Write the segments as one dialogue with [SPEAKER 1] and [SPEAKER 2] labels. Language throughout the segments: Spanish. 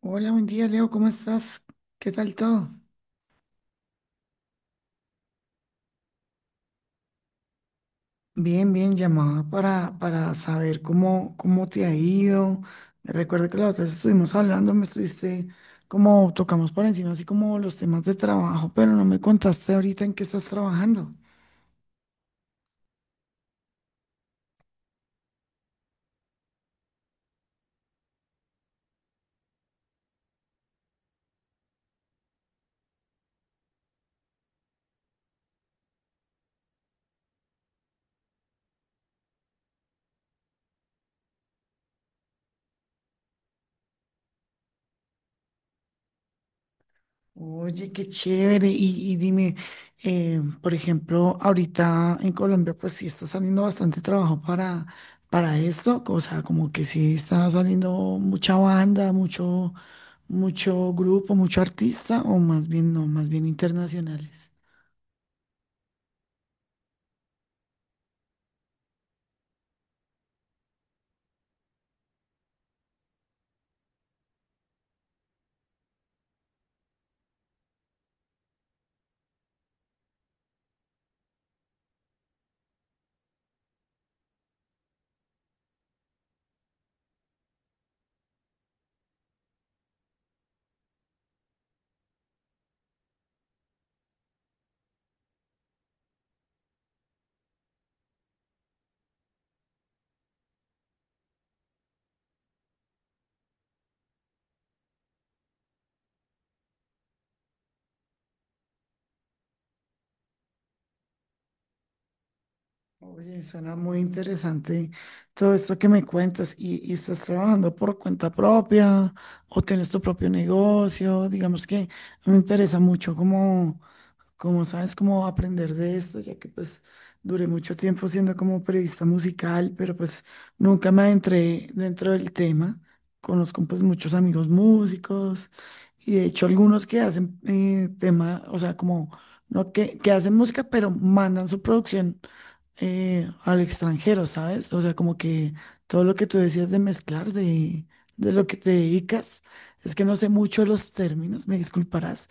[SPEAKER 1] Hola, buen día, Leo, ¿cómo estás? ¿Qué tal todo? Bien, bien, llamada para saber cómo te ha ido. Recuerdo que la otra vez estuvimos hablando, me estuviste como tocamos por encima, así como los temas de trabajo, pero no me contaste ahorita en qué estás trabajando. Oye, qué chévere. Y dime, por ejemplo, ahorita en Colombia, pues sí está saliendo bastante trabajo para esto. O sea, como que sí está saliendo mucha banda, mucho, mucho grupo, mucho artista, o más bien no, más bien internacionales. Oye, suena muy interesante todo esto que me cuentas. ¿Y estás trabajando por cuenta propia o tienes tu propio negocio? Digamos que me interesa mucho como como sabes, cómo aprender de esto, ya que pues duré mucho tiempo siendo como periodista musical, pero pues nunca me adentré dentro del tema. Conozco pues muchos amigos músicos y de hecho algunos que hacen tema, o sea, como no que, que hacen música, pero mandan su producción al extranjero, ¿sabes? O sea, como que todo lo que tú decías de mezclar, de lo que te dedicas, es que no sé mucho los términos, me disculparás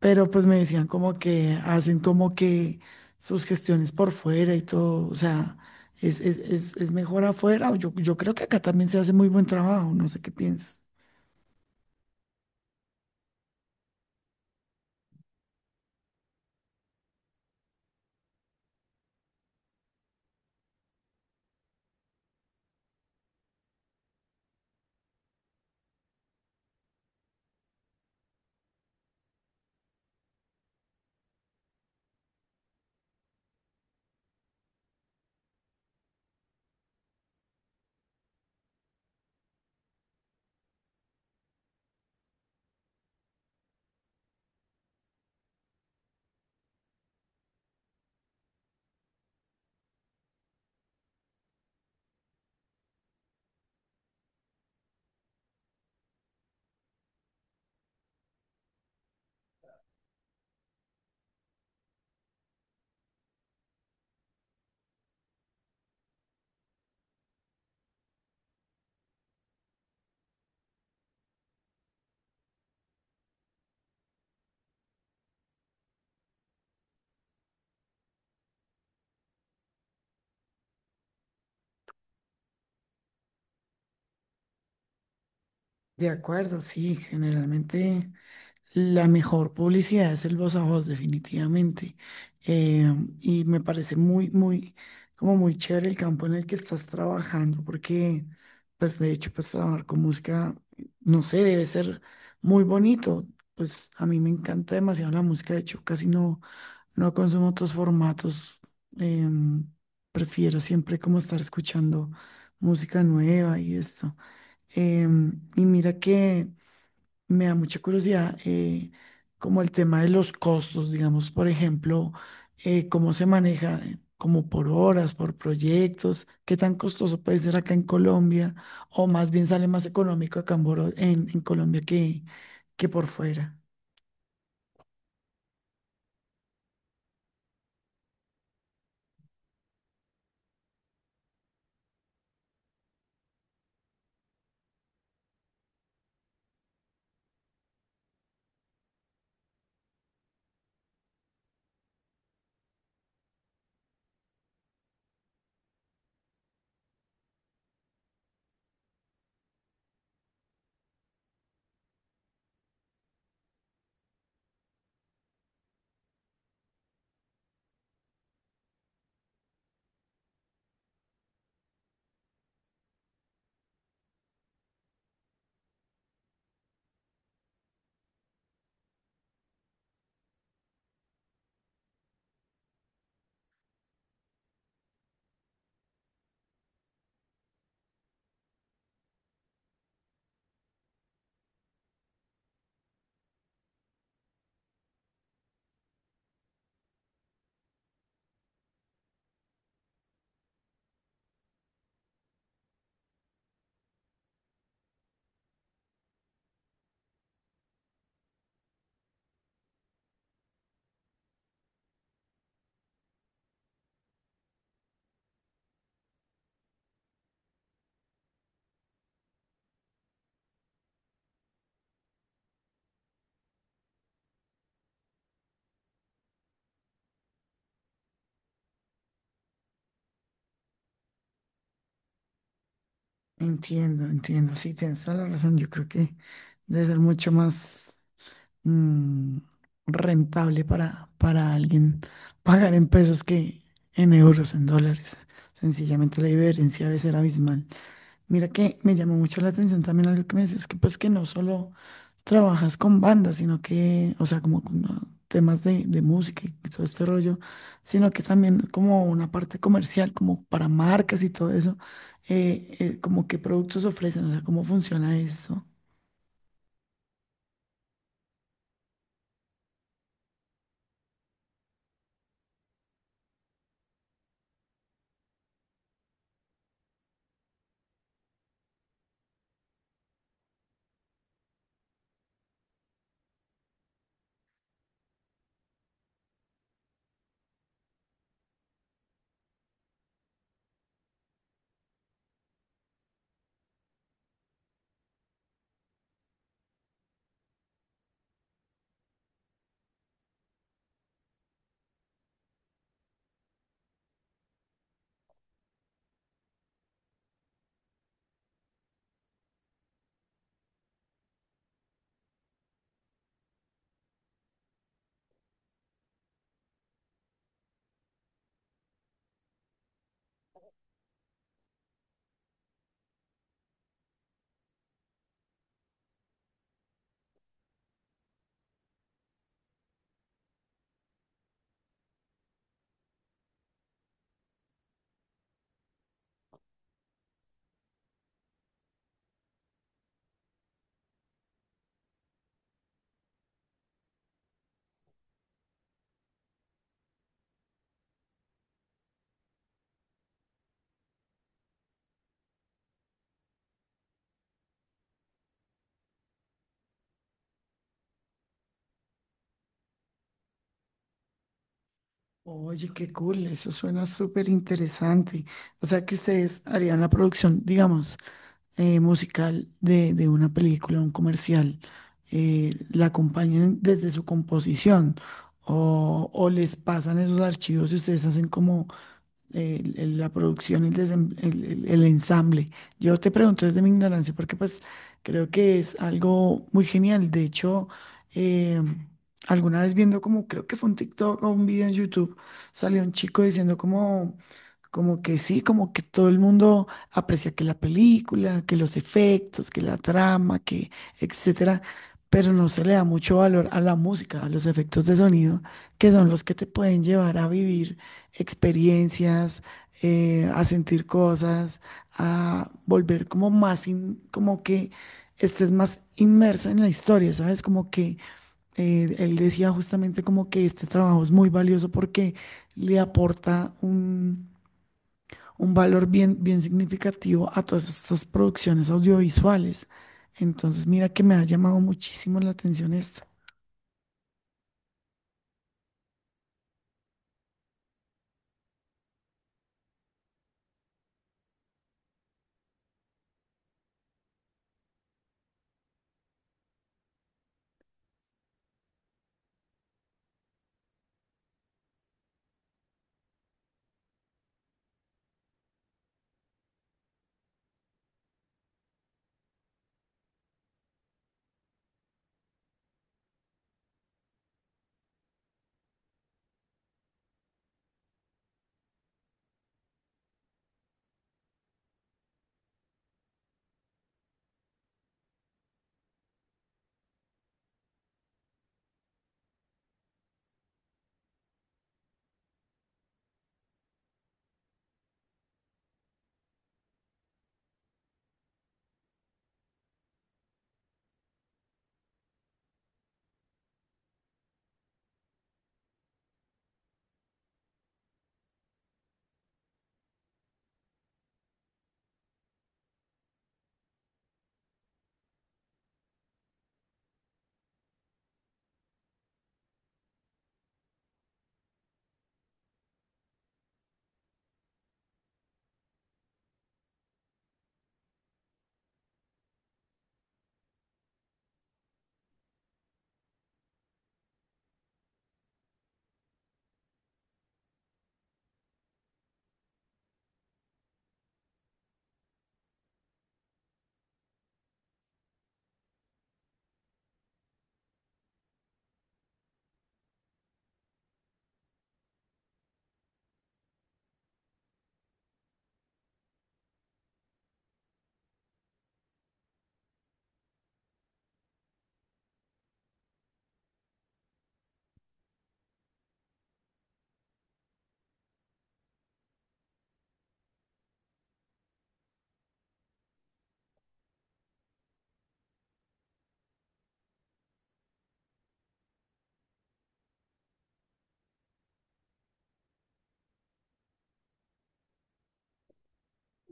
[SPEAKER 1] pero pues me decían como que hacen como que sus gestiones por fuera y todo, o sea, es mejor afuera, o yo creo que acá también se hace muy buen trabajo, no sé qué piensas. De acuerdo, sí, generalmente. La mejor publicidad es el voz a voz, definitivamente. Eh, y me parece muy, muy, como muy chévere el campo en el que estás trabajando, porque, pues, de hecho, pues, trabajar con música, no sé, debe ser muy bonito. Pues, a mí me encanta demasiado la música. De hecho, casi no, no consumo otros formatos. Em, Prefiero siempre como estar escuchando música nueva y esto. Y mira que me da mucha curiosidad, como el tema de los costos, digamos, por ejemplo, cómo se maneja, como por horas, por proyectos, qué tan costoso puede ser acá en Colombia, o más bien sale más económico acá en, en Colombia que por fuera. Entiendo, entiendo, sí, tienes toda la razón, yo creo que debe ser mucho más, mm, rentable para alguien pagar en pesos que en euros, en dólares. Sencillamente la diferencia debe ser abismal. Mira que me llamó mucho la atención también algo que me decías, que pues que no solo trabajas con bandas, sino que, o sea, como con temas de música y todo este rollo, sino que también como una parte comercial, como para marcas y todo eso, como qué productos ofrecen, o sea, cómo funciona eso. Oye, qué cool, eso suena súper interesante. O sea, que ustedes harían la producción, digamos, musical de una película, un comercial, la acompañan desde su composición o les pasan esos archivos y ustedes hacen como la producción, el, desem- el ensamble. Yo te pregunto desde mi ignorancia, porque pues creo que es algo muy genial. De hecho, eh, alguna vez viendo como, creo que fue un TikTok o un video en YouTube, salió un chico diciendo como, como que sí, como que todo el mundo aprecia que la película, que los efectos, que la trama, que etcétera, pero no se le da mucho valor a la música, a los efectos de sonido, que son los que te pueden llevar a vivir experiencias, a sentir cosas, a volver como más, como que estés más inmerso en la historia, ¿sabes? Como que él decía justamente como que este trabajo es muy valioso porque le aporta un valor bien, bien significativo a todas estas producciones audiovisuales. Entonces, mira que me ha llamado muchísimo la atención esto.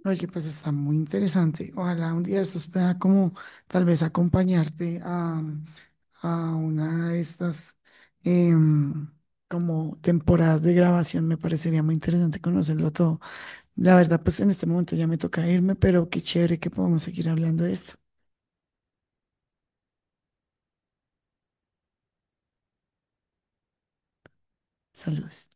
[SPEAKER 1] Oye, pues está muy interesante. Ojalá un día de estos pueda como tal vez acompañarte a una de estas em, como temporadas de grabación. Me parecería muy interesante conocerlo todo. La verdad, pues en este momento ya me toca irme, pero qué chévere que podamos seguir hablando de esto. Saludos.